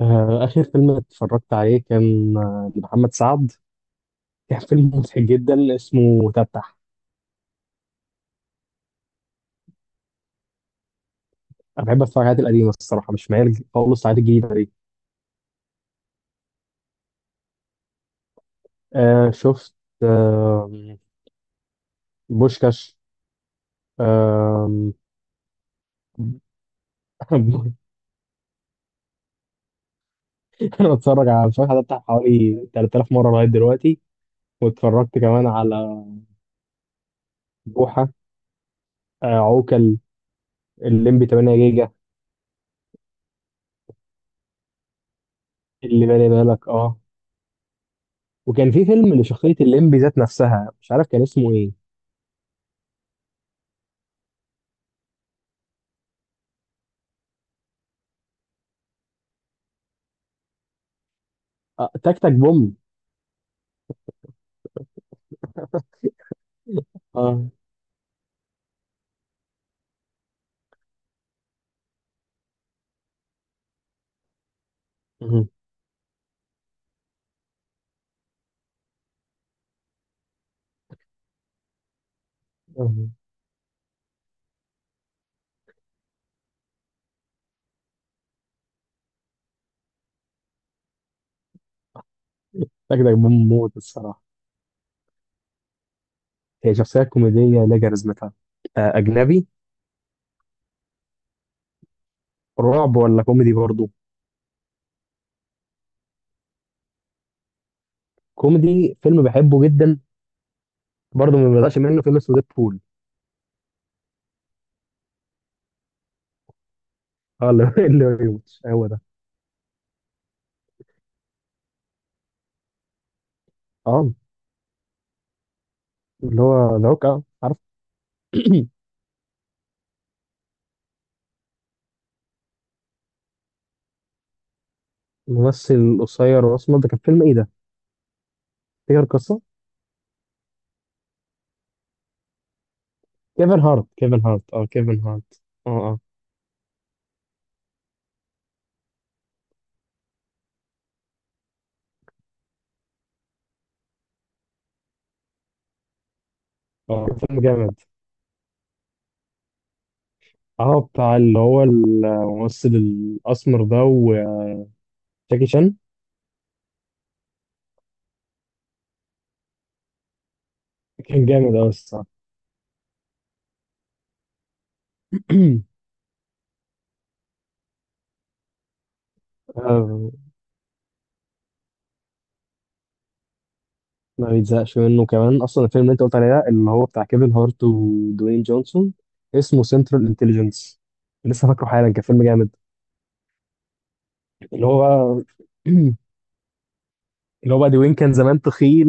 آه، آخر فيلم اتفرجت عليه كان لمحمد سعد. كان فيلم مضحك جدا اسمه تفتح. أنا بحب أتفرج على الحاجات القديمة الصراحة، مش مايل خالص على الحاجات الجديدة دي. آه شفت. آه بوشكاش. آه. أنا بتفرج على مش عارف تفتح حوالي 3,000 مرة لغاية دلوقتي. واتفرجت كمان على بوحة، آه عوكل، الليمبي 8 جيجا، اللي بالي بالك اه. وكان في فيلم لشخصية الليمبي ذات نفسها مش عارف كان اسمه ايه. آه تك تك بوم. اه. مهم. مهم. أجدع. موت الصراحة. هي شخصية كوميدية لا كاريزمتها. آه، أجنبي. رعب ولا كوميدي برضو؟ كوميدي، فيلم بحبه جدا. برضو ما بيقدرش منه، فيلم اسمه ديد بول. اه، اللي اللي ما بيموتش هو ده. اه. اللي هو ذا هوك، آه، عارف. الممثل القصير الأسمر ده كان فيلم إيه ده؟ تفتكر القصة؟ كيفن هارت، كيفن هارت، اه كيفن هارت. اه اه. اه كان فيلم جامد. اه بتاع اللي هو الممثل الأسمر ده وجاكي شان. كان جامد أوي الصراحة. آه، ما بيتزهقش منه كمان اصلا. الفيلم اللي انت قلت عليه ده اللي هو بتاع كيفن هارت ودوين جونسون اسمه سنترال انتليجنس. لسه فاكره حالا، كان فيلم جامد. اللي هو بقى، اللي هو بقى دوين كان زمان تخين،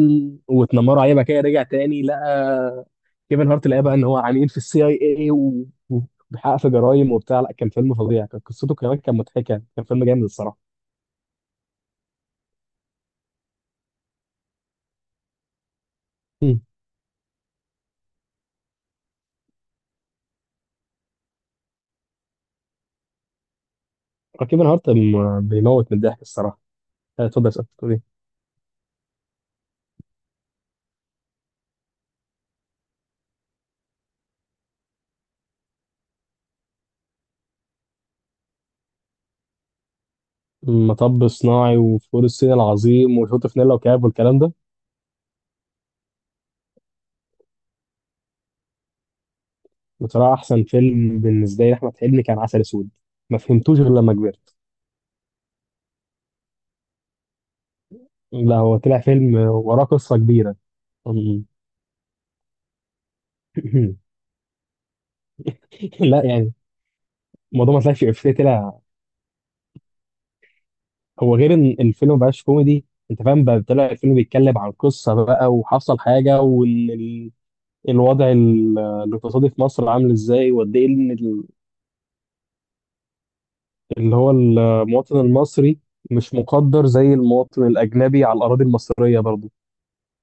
واتنمروا عليه بقى كده، رجع تاني لقى كيفن هارت، لقى بقى ان هو عميل في السي اي اي، وبيحقق في جرايم وبتاع، لا كان فيلم فظيع، كان قصته كمان كان مضحكه، كان فيلم جامد الصراحه. كيفن هارت بيموت من الضحك الصراحه. آه، اتفضل اسال. مطب صناعي وفول الصين العظيم والهوتفنيلا وكاب والكلام ده. بصراحة أحسن فيلم بالنسبة لي لأحمد حلمي كان عسل أسود، ما فهمتوش غير لما كبرت. لا، هو طلع فيلم وراه قصة كبيرة. أم. لا يعني، الموضوع ما طلعش إفيه، طلع. هو غير إن الفيلم ما بقاش كوميدي. أنت فاهم بقى، طلع الفيلم بيتكلم عن قصة بقى، وحصل حاجة، وإن الوضع الاقتصادي في مصر عامل إزاي، وقد إيه إن اللي هو المواطن المصري مش مقدر زي المواطن الأجنبي على الأراضي المصرية برضه.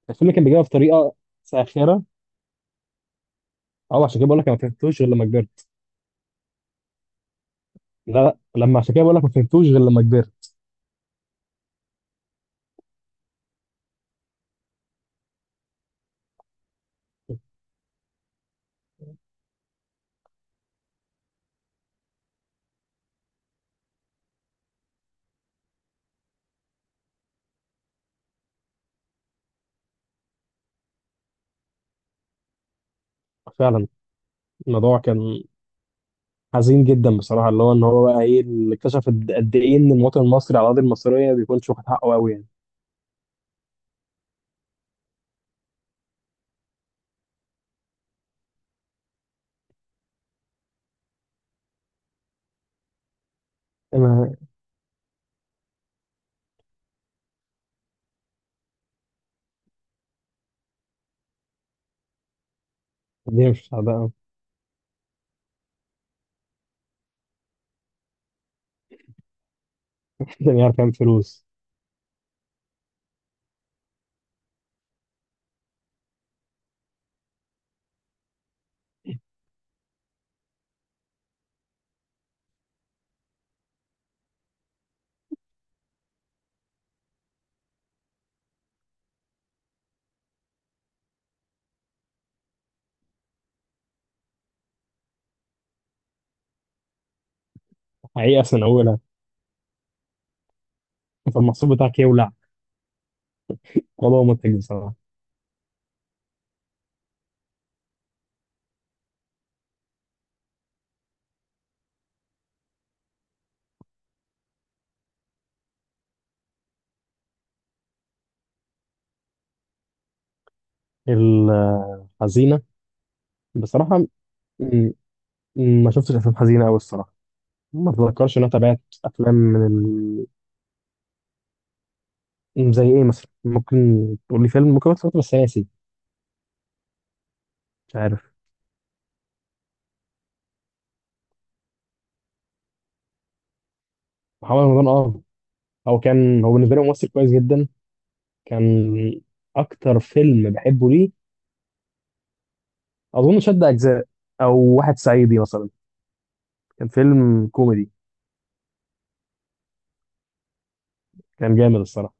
الفيلم كان بيجيبها بطريقة ساخرة. أو عشان كده بقول لك أنا ما فهمتوش غير لما كبرت. لا لا، لما، عشان كده بقول لك ما فهمتوش غير لما كبرت. فعلا. الموضوع كان حزين جدا بصراحة، اللي هو إن هو بقى إيه اللي اكتشف قد إيه إن المواطن المصري على الأراضي المصرية ما بيكونش واخد حقه أوي يعني. أنا، الدنيا مش مساعدة أوي. الدنيا عارف كام فلوس. حقيقة سنة أولى، فالمحصول بتاعك يولع. والله منتج بصراحة. الحزينة؟ بصراحة ما شفتش افلام حزينه قوي الصراحه. ما اتذكرش ان انا تابعت افلام من زي ايه مثلا؟ ممكن تقول لي فيلم، ممكن اتفرجت بس ناسي. مش عارف. محمد رمضان، اه، هو كان، هو بالنسبه لي ممثل كويس جدا كان. اكتر فيلم بحبه ليه، اظن شد اجزاء، او واحد صعيدي مثلا، كان فيلم كوميدي. كان جامد الصراحه.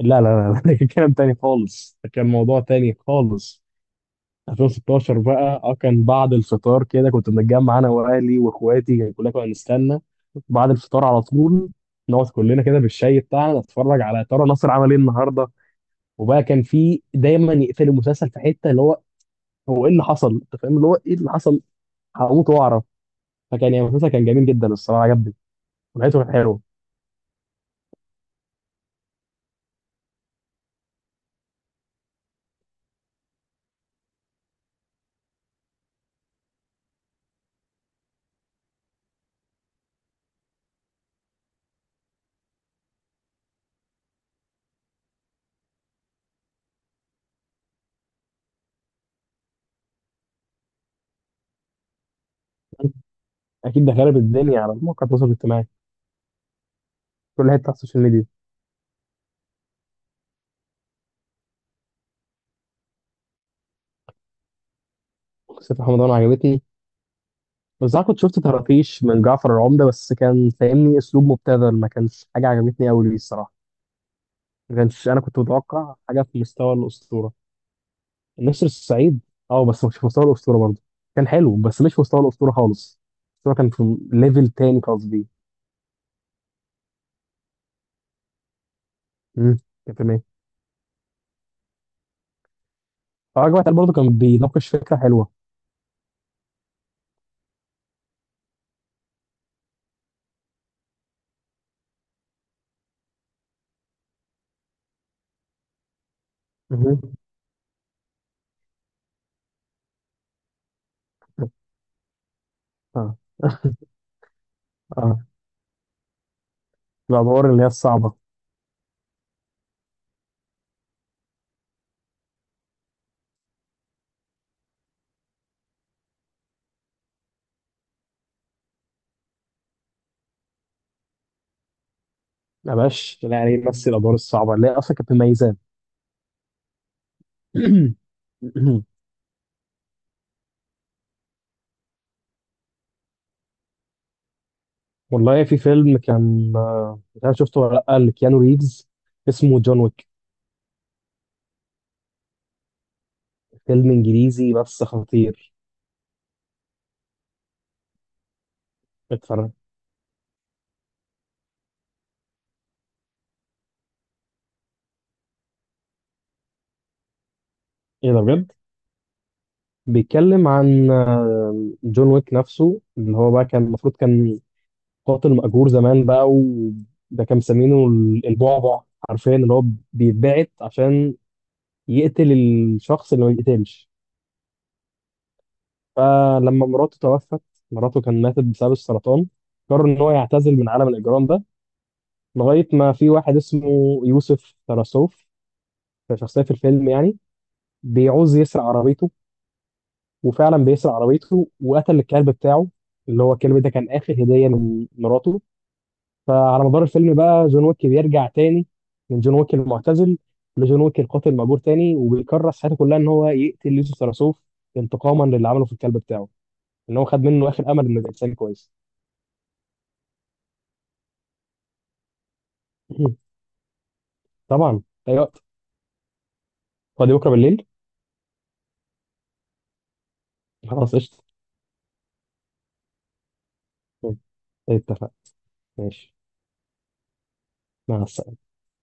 لا لا لا، ده كان كلام تاني خالص، ده كان موضوع تاني خالص. 2016 بقى، اه كان بعد الفطار كده كنت بنتجمع انا واهلي واخواتي، يعني كلنا كنا نستنى بعد الفطار على طول. نقعد كلنا كده بالشاي بتاعنا نتفرج على ترى نصر عمل ايه النهارده. وبقى كان في دايما يقفل المسلسل في حته اللي هو، هو ايه اللي حصل. انت فاهم اللي هو ايه اللي حصل، هموت واعرف. فكان يعني المسلسل كان جميل جدا الصراحه، عجبني ولقيته كان حلو. اكيد ده خرب الدنيا على مواقع التواصل الاجتماعي. كل حته على السوشيال ميديا. مسلسل محمد رمضان عجبتني، بس انا كنت شفت طرافيش من جعفر العمدة بس كان فاهمني اسلوب مبتذل، ما كانش حاجة عجبتني قوي ليه الصراحة. ما كانش، انا كنت متوقع حاجة في مستوى الأسطورة. نسر الصعيد، اه، بس مش في مستوى الأسطورة برضه. كان حلو بس مش في مستوى الأسطورة خالص. الأسطورة كان في ليفل تاني قصدي. امم كان في مية فراجل وائل، برضه كان بيناقش فكرة حلوة. مهم. اه اه. الأدوار اللي هي الصعبة. ما بقاش يعني يمثل الأدوار الصعبة اللي هي أصلا كانت مميزاه. والله في فيلم كان مش عارف شفته ولا لأ، لكيانو ريفز اسمه جون ويك. فيلم إنجليزي بس خطير. اتفرج. إيه ده بجد؟ بيتكلم عن جون ويك نفسه، اللي هو بقى كان المفروض كان قاتل مأجور زمان بقى، وده كان مسمينه البعبع. حرفيا اللي هو بيتبعت عشان يقتل الشخص اللي ما بيقتلش. فلما مراته توفت، مراته كان ماتت بسبب السرطان، قرر إن هو يعتزل من عالم الإجرام ده لغاية ما في واحد اسمه يوسف تراسوف، شخصية في الفيلم يعني، بيعوز يسرق عربيته، وفعلا بيسرق عربيته وقتل الكلب بتاعه، اللي هو الكلب ده كان آخر هدية من مراته. فعلى مدار الفيلم بقى جون ويك بيرجع تاني، من جون ويك المعتزل لجون ويك القاتل المأجور تاني، وبيكرس حياته كلها إن هو يقتل يوسف تراسوف انتقاما للي عمله في الكلب بتاعه، إن هو خد منه آخر أمل إنه يبقى إنسان كويس. طبعا، أي وقت. فاضي بكرة بالليل. خلاص قشطة. اتفق. ماشي. مع السلامة.